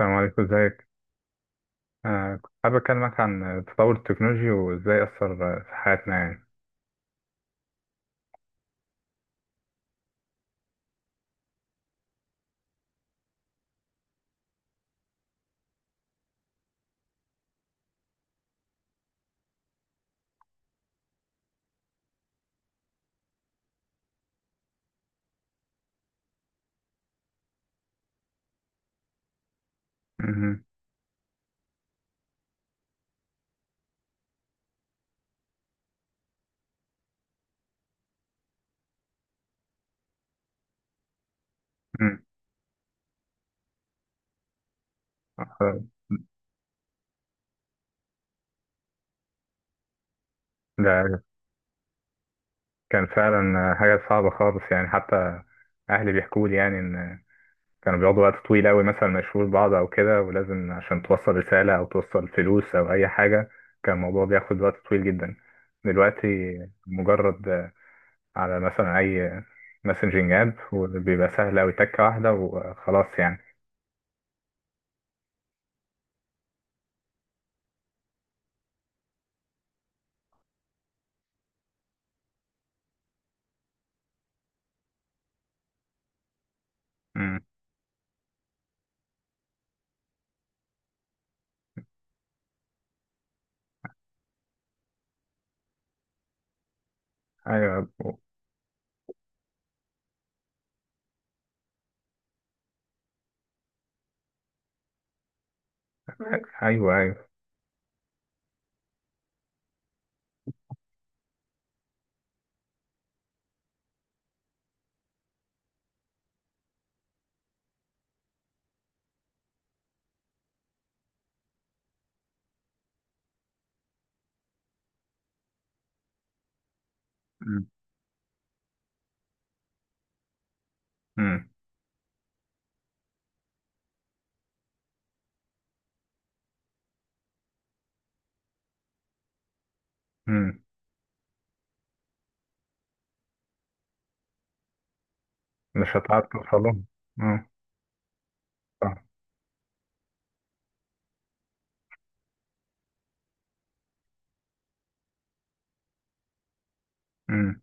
السلام عليكم، ازيك؟ كنت حابب اكلمك عن تطور التكنولوجيا وازاي اثر في حياتنا يعني. مهم. مم. ده كان فعلا حاجه صعبه خالص يعني، حتى اهلي بيحكوا لي يعني ان كانوا بيقعدوا وقت طويل قوي مثلا ما يشوفوش بعض او كده، ولازم عشان توصل رساله او توصل فلوس او اي حاجه كان الموضوع بياخد وقت طويل جدا. دلوقتي مجرد على مثلا اي مسنجنج اب، وبيبقى سهل قوي، تكه واحده وخلاص يعني. مم. ايوه، ايوه، ايوه. مم. مم. مم. مش هتعرف توصلهم. اه. صح. مم.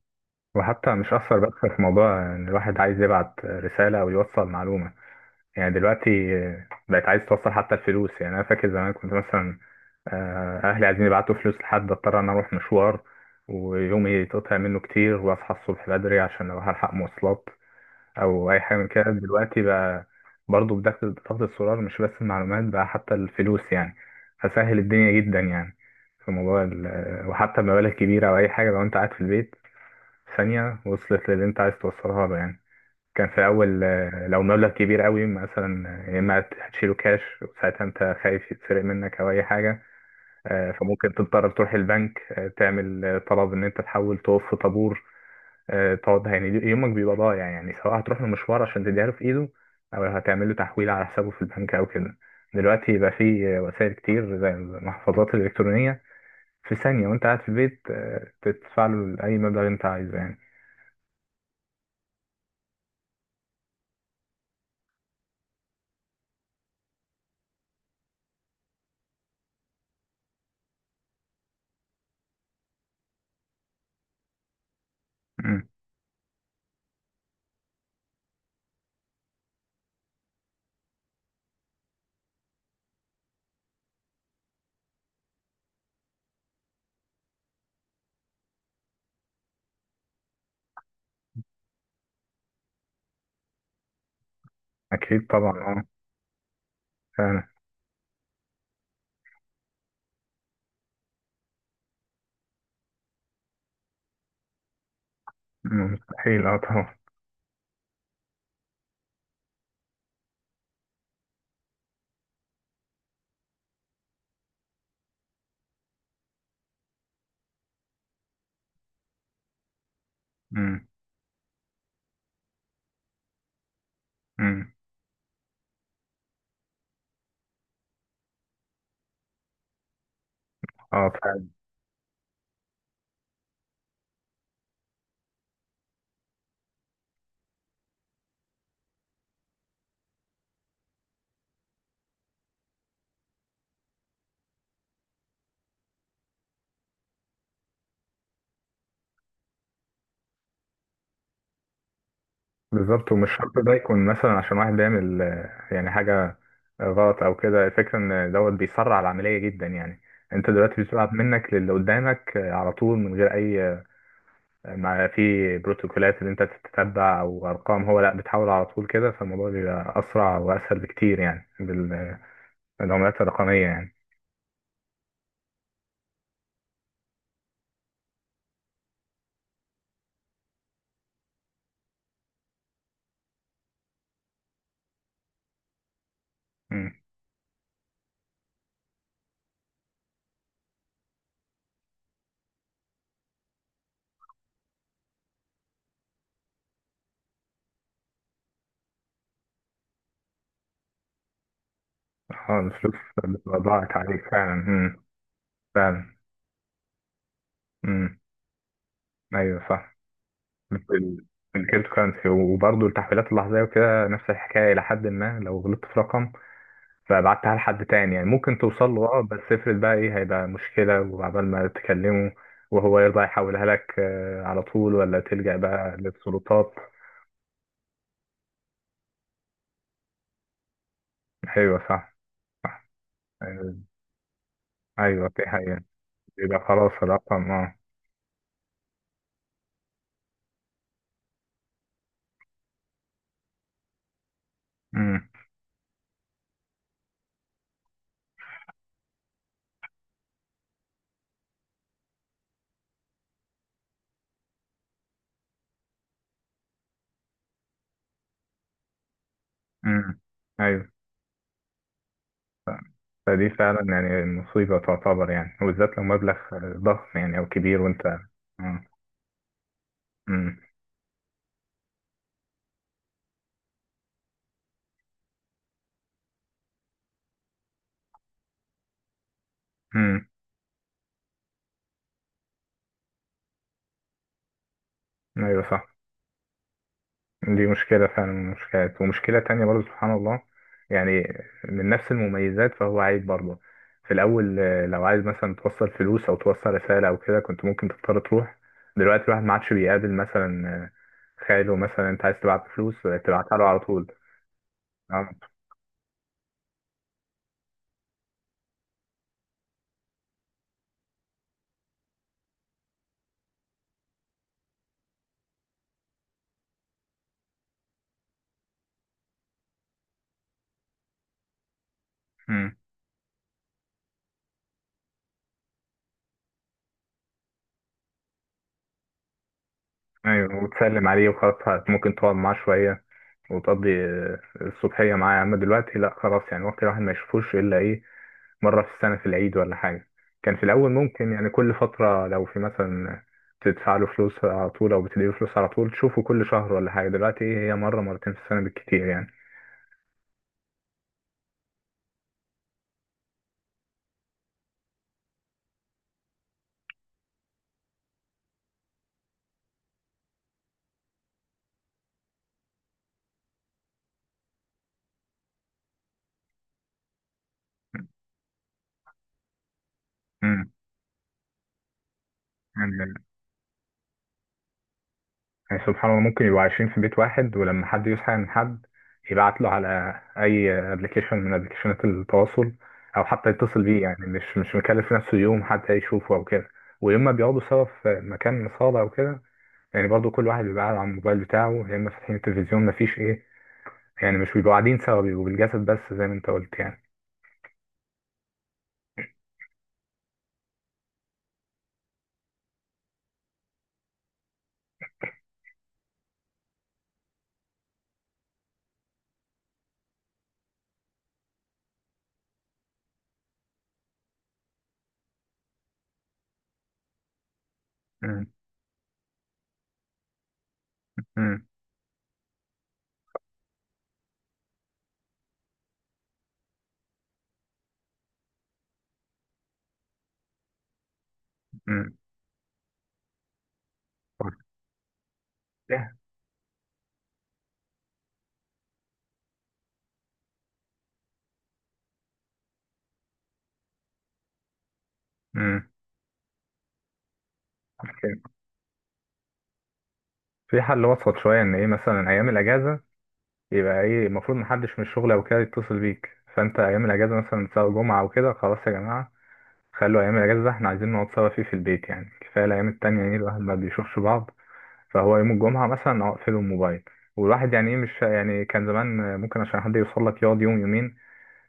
وحتى مش أثر بس في موضوع إن الواحد عايز يبعت رسالة أو يوصل معلومة يعني. دلوقتي بقت عايز توصل حتى الفلوس يعني، أنا فاكر زمان كنت مثلا، أهلي عايزين يبعتوا فلوس لحد، أضطر أنا أروح مشوار، ويومي يتقطع منه كتير، وأصحى الصبح بدري عشان أروح ألحق مواصلات او اي حاجه من كده. دلوقتي بقى برضه بدخل ضغط السولار، مش بس المعلومات بقى حتى الفلوس يعني، فسهل الدنيا جدا يعني، في موضوع وحتى بمبالغ كبيره او اي حاجه. لو انت قاعد في البيت، ثانيه وصلت للي انت عايز توصلها له يعني. كان في الاول لو مبلغ كبير قوي مثلا، يا اما هتشيله كاش وساعتها انت خايف يتسرق منك او اي حاجه، فممكن تضطر تروح البنك، تعمل طلب ان انت تحول، تقف في طابور، تقعد يعني يومك بيبقى ضايع يعني، سواء هتروح له مشوار عشان تديها له في ايده، او هتعمل له تحويل على حسابه في البنك او كده. دلوقتي بقى في وسائل كتير زي المحفظات الالكترونيه، في ثانيه وانت قاعد في البيت تدفع له اي مبلغ انت عايزه يعني. مم. اكيد طبعا. اه فعلا. مم، مستحيل، اه طبعا. مم، مم. اه. بالظبط، ومش شرط ده يكون مثلا عشان واحد بيعمل يعني حاجة غلط أو كده. الفكرة إن دوت بيسرع العملية جدا يعني. أنت دلوقتي بتبعت منك للي قدامك على طول، من غير أي ما في بروتوكولات اللي أنت تتتبع أو أرقام، هو لأ بتحاول على طول كده، فالموضوع بيبقى أسرع وأسهل بكتير يعني، بالعملات الرقمية يعني. مم. اه الفلوس بتبقى ضاعت عليك فعلا. مم. فعلا. مم. أيوه صح. في في الكريبتو كرنسي، وبرضه التحويلات اللحظية وكده نفس الحكاية إلى حد ما. لو غلطت في رقم فبعتها لحد تاني يعني ممكن توصل له، اه بس افرض بقى، ايه هيبقى مشكلة وعبال ما تكلمه وهو يرضى يحولها لك على طول، ولا تلجأ بقى للسلطات. أيوة صح. آه، أيوة دي حقيقة. يبقى خلاص الرقم اه. أمم. أمم. أيوة. فدي فعلا يعني مصيبة تعتبر يعني، وبالذات لو مبلغ ضخم يعني أو كبير وأنت اه. أمم. أمم. أيوة صح. دي مشكلة فعلا من المشكلات، ومشكلة تانية برضه سبحان الله يعني، من نفس المميزات فهو عيب برضه. في الأول لو عايز مثلا توصل فلوس أو توصل رسالة أو كده كنت ممكن تضطر تروح، دلوقتي الواحد ما عادش بيقابل مثلا خاله مثلا، أنت عايز تبعت فلوس تبعتها له على طول. آه، مم. أيوه وتسلم عليه وخلاص، ممكن تقعد معاه شوية وتقضي الصبحية معاه. أما دلوقتي لأ خلاص يعني، ممكن الواحد ما يشوفوش إلا إيه، مرة في السنة في العيد ولا حاجة. كان في الأول ممكن يعني كل فترة لو في مثلا بتدفع له فلوس على طول أو بتديله فلوس على طول تشوفه كل شهر ولا حاجة، دلوقتي إيه، هي مرة مرتين في السنة بالكتير يعني. امم. يعني يعني سبحان الله، ممكن يبقوا عايشين في بيت واحد، ولما حد يصحى من حد يبعت له على أي أبلكيشن من أبلكيشنات التواصل، أو حتى يتصل بيه، يعني مش مكلف نفسه يوم حتى يشوفه أو كده. وإما بيقعدوا سوا في مكان صالة أو كده، يعني برضو كل واحد بيبقى قاعد على الموبايل بتاعه، يا اما فاتحين التلفزيون مفيش ايه، يعني مش بيبقوا قاعدين سوا، بيبقوا بالجسد بس زي ما انت قلت يعني. مم. مم. مم. وقتها- مم. في حل وسط شوية ان ايه، مثلا ايام الاجازة يبقى ايه المفروض محدش من الشغل او كده يتصل بيك، فانت ايام الاجازة مثلا سواء جمعة او كده، خلاص يا جماعة خلوا ايام الاجازة ده احنا عايزين نقعد سوا فيه في البيت يعني. كفاية الايام التانية يعني الواحد ما بيشوفش بعض. فهو يوم الجمعة مثلا اقفله الموبايل، والواحد يعني ايه، مش يعني كان زمان ممكن عشان حد يوصل لك يقعد يوم يومين،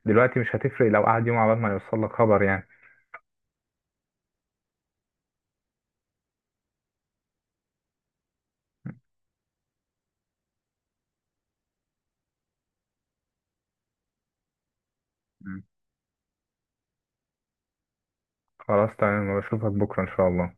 دلوقتي مش هتفرق لو قعد يوم عبال ما يوصل لك خبر يعني. خلاص تمام، بشوفك بكرة إن شاء الله.